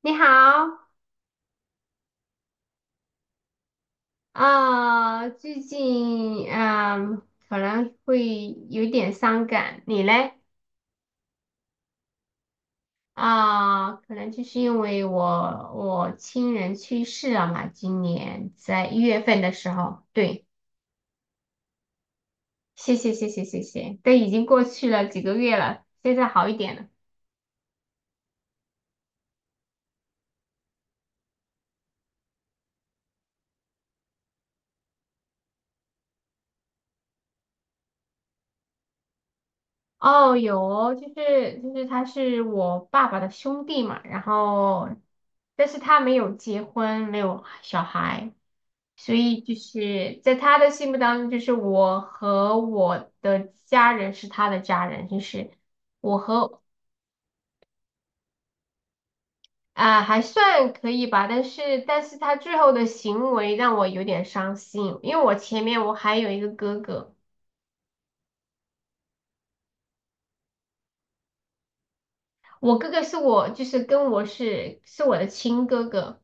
你好。最近可能会有点伤感，你嘞？可能就是因为我亲人去世了嘛，今年在1月份的时候，对。谢谢谢谢谢谢，都已经过去了几个月了，现在好一点了。哦，有哦就是他是我爸爸的兄弟嘛，然后但是他没有结婚，没有小孩。所以就是在他的心目当中，就是我和我的家人是他的家人。就是我和啊、还算可以吧，但是他最后的行为让我有点伤心，因为我前面我还有一个哥哥。我哥哥是我就是跟我是我的亲哥哥。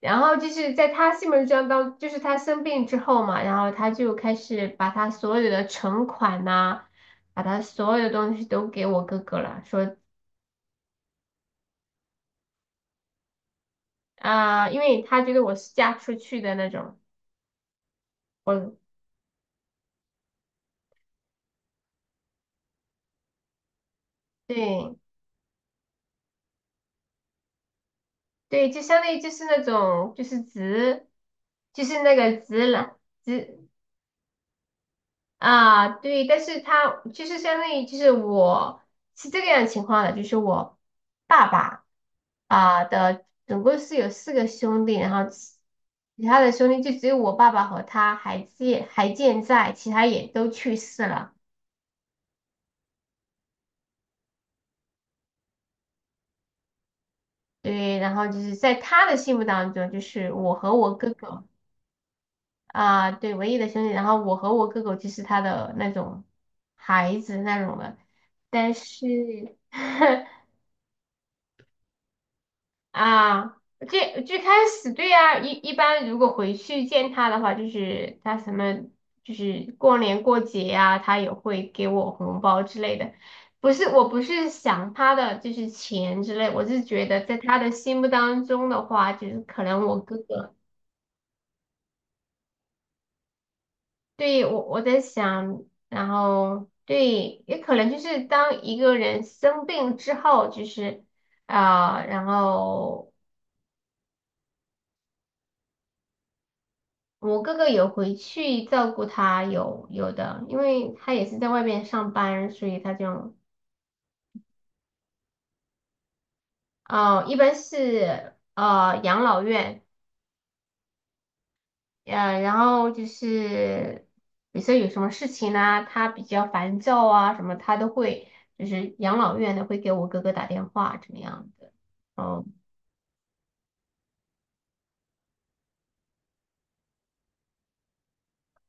然后就是在他心目中当就是他生病之后嘛，然后他就开始把他所有的存款呐、把他所有的东西都给我哥哥了，说因为他觉得我是嫁出去的那种。我对对，就相当于就是那种就是直，就是那个直男直。对，但是他就是相当于就是我是这个样情况的，就是我爸爸的总共是有4个兄弟，然后其他的兄弟就只有我爸爸和他还健在，其他也都去世了。对，然后就是在他的心目当中，就是我和我哥哥。啊，对，唯一的兄弟。然后我和我哥哥就是他的那种孩子那种的，但是 啊，最开始对啊。一般如果回去见他的话，就是他什么就是过年过节呀、他也会给我红包之类的。不是，我不是想他的就是钱之类，我是觉得在他的心目当中的话，就是可能我哥哥。对，我在想，然后对，也可能就是当一个人生病之后，就是然后我哥哥有回去照顾他，有有的，因为他也是在外面上班，所以他就。哦，一般是养老院。然后就是比如说有什么事情啊，他比较烦躁啊什么，他都会就是养老院的会给我哥哥打电话，怎么样的。哦，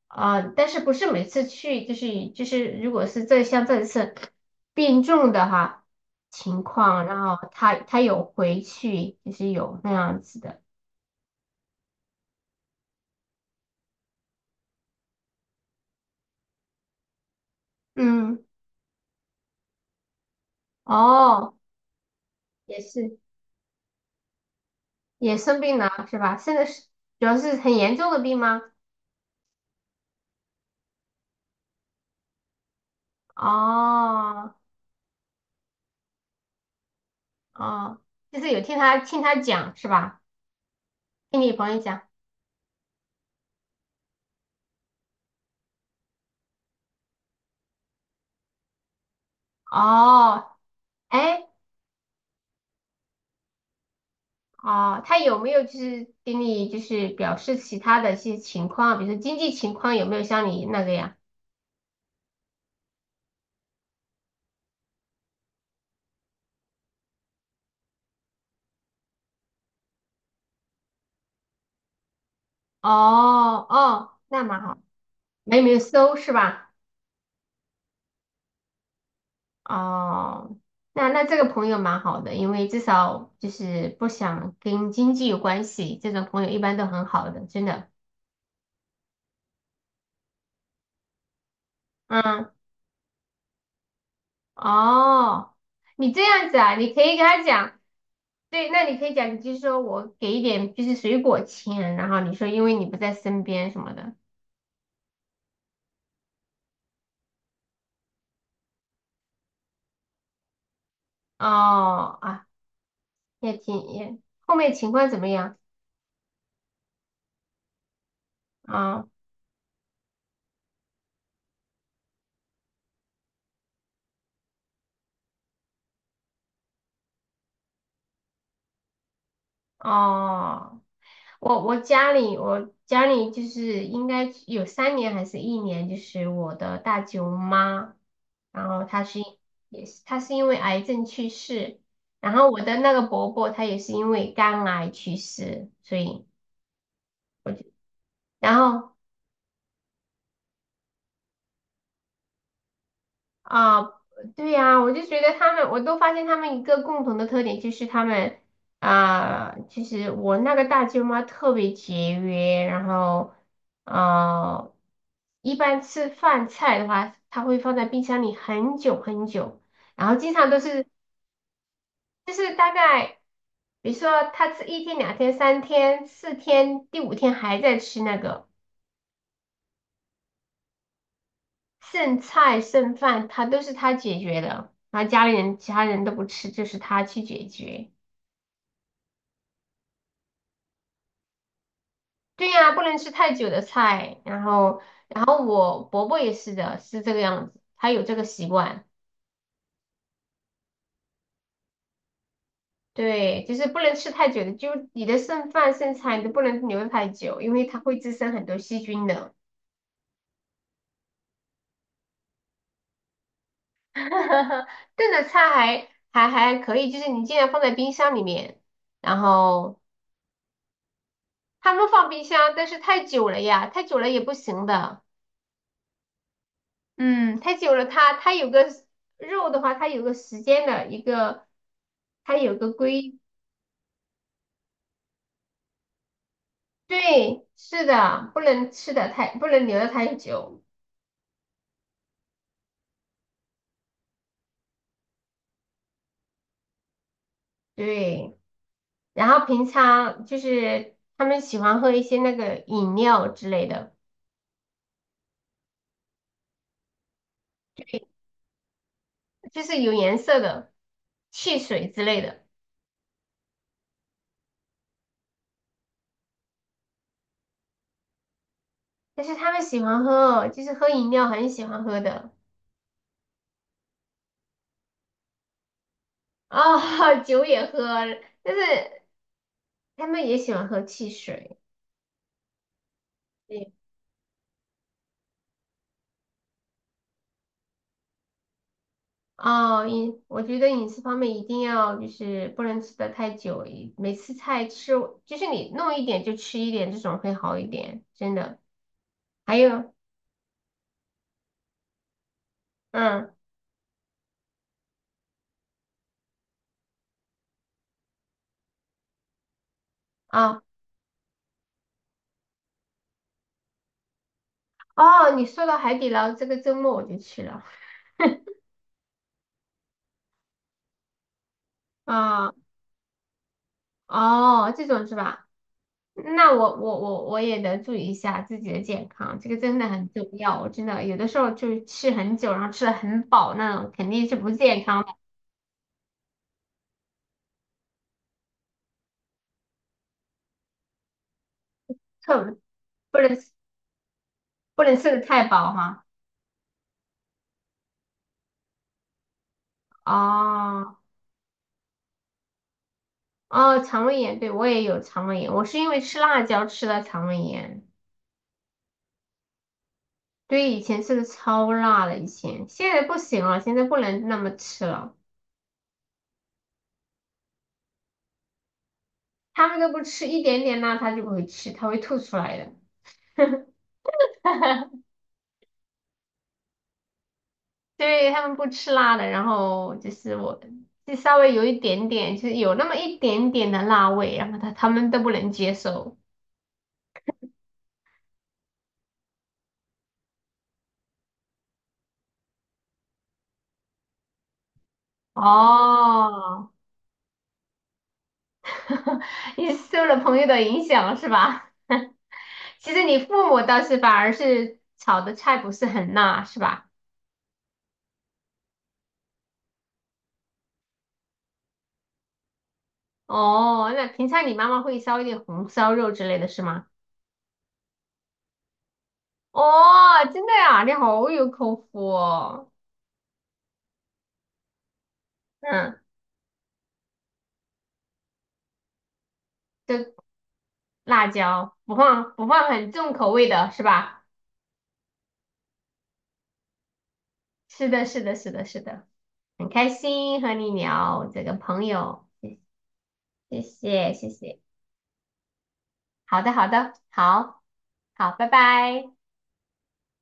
啊，但是不是每次去，就是，如果是像这次病重的哈情况，然后他有回去，就是有那样子的。嗯，哦，也是也生病了是吧？现在是主要是很严重的病吗？哦哦，就是有听他讲是吧？听你朋友讲，哦，哎。哦，他有没有就是给你就是表示其他的一些情况，比如说经济情况有没有像你那个呀？哦哦，那蛮好，没有搜是吧？哦，那这个朋友蛮好的，因为至少就是不想跟经济有关系，这种朋友一般都很好的，真的。嗯，哦，你这样子啊，你可以跟他讲。对，那你可以讲，你就是说我给一点就是水果钱，然后你说因为你不在身边什么的。哦啊，也挺也，后面情况怎么样？啊哦，我家里就是应该有3年还是1年，就是我的大舅妈，然后她是因为癌症去世，然后我的那个伯伯他也是因为肝癌去世，所以然后啊，对呀，我就觉得他们，我都发现他们一个共同的特点就是他们啊，其实我那个大舅妈特别节约，然后呃，一般吃饭菜的话，她会放在冰箱里很久很久，然后经常都是就是大概，比如说她吃1天、2天、3天、4天，第5天还在吃那个。剩菜剩饭，他都是他解决的，然后家里人其他人都不吃，就是他去解决。对呀，不能吃太久的菜。然后我伯伯也是的，是这个样子，他有这个习惯。对，就是不能吃太久的，就你的剩饭剩菜你都不能留太久，因为它会滋生很多细菌的。炖的菜还可以，就是你尽量放在冰箱里面，然后他们放冰箱，但是太久了呀，太久了也不行的。嗯，太久了它，它有个肉的话，它有个时间的一个，它有个规，对，是的，不能吃的太，不能留的太久，对。然后平常就是他们喜欢喝一些那个饮料之类的，就是有颜色的汽水之类的，但是他们喜欢喝，就是喝饮料很喜欢喝的。酒也喝，但是他们也喜欢喝汽水。对哦，我觉得饮食方面一定要就是不能吃的太久。每次菜吃就是你弄一点就吃一点，这种会好一点，真的。还有。嗯啊哦，你说到海底捞，这个周末我就去了。啊哦，这种是吧？那我也得注意一下自己的健康，这个真的很重要。我真的有的时候就吃很久，然后吃的很饱那种，肯定是不健康的。特不能不能吃的太饱哈。哦。哦，肠胃炎，对，我也有肠胃炎，我是因为吃辣椒吃的肠胃炎。对，以前吃的超辣的，以前现在不行了，现在不能那么吃了。他们都不吃一点点辣，他就不会吃，他会吐出来的。对，他们不吃辣的，然后就是我，就稍微有一点点，就是有那么一点点的辣味，然后他们都不能接受。哦，你受了朋友的影响是吧？其实你父母倒是反而是炒的菜不是很辣，是吧？哦，那平常你妈妈会烧一点红烧肉之类的是吗？哦，真的呀，你好有口福哦。嗯，对，辣椒不放很重口味的是吧？是的，是的，是的，是的，很开心和你聊这个朋友，谢谢谢谢。好的，好的，好，好，拜拜。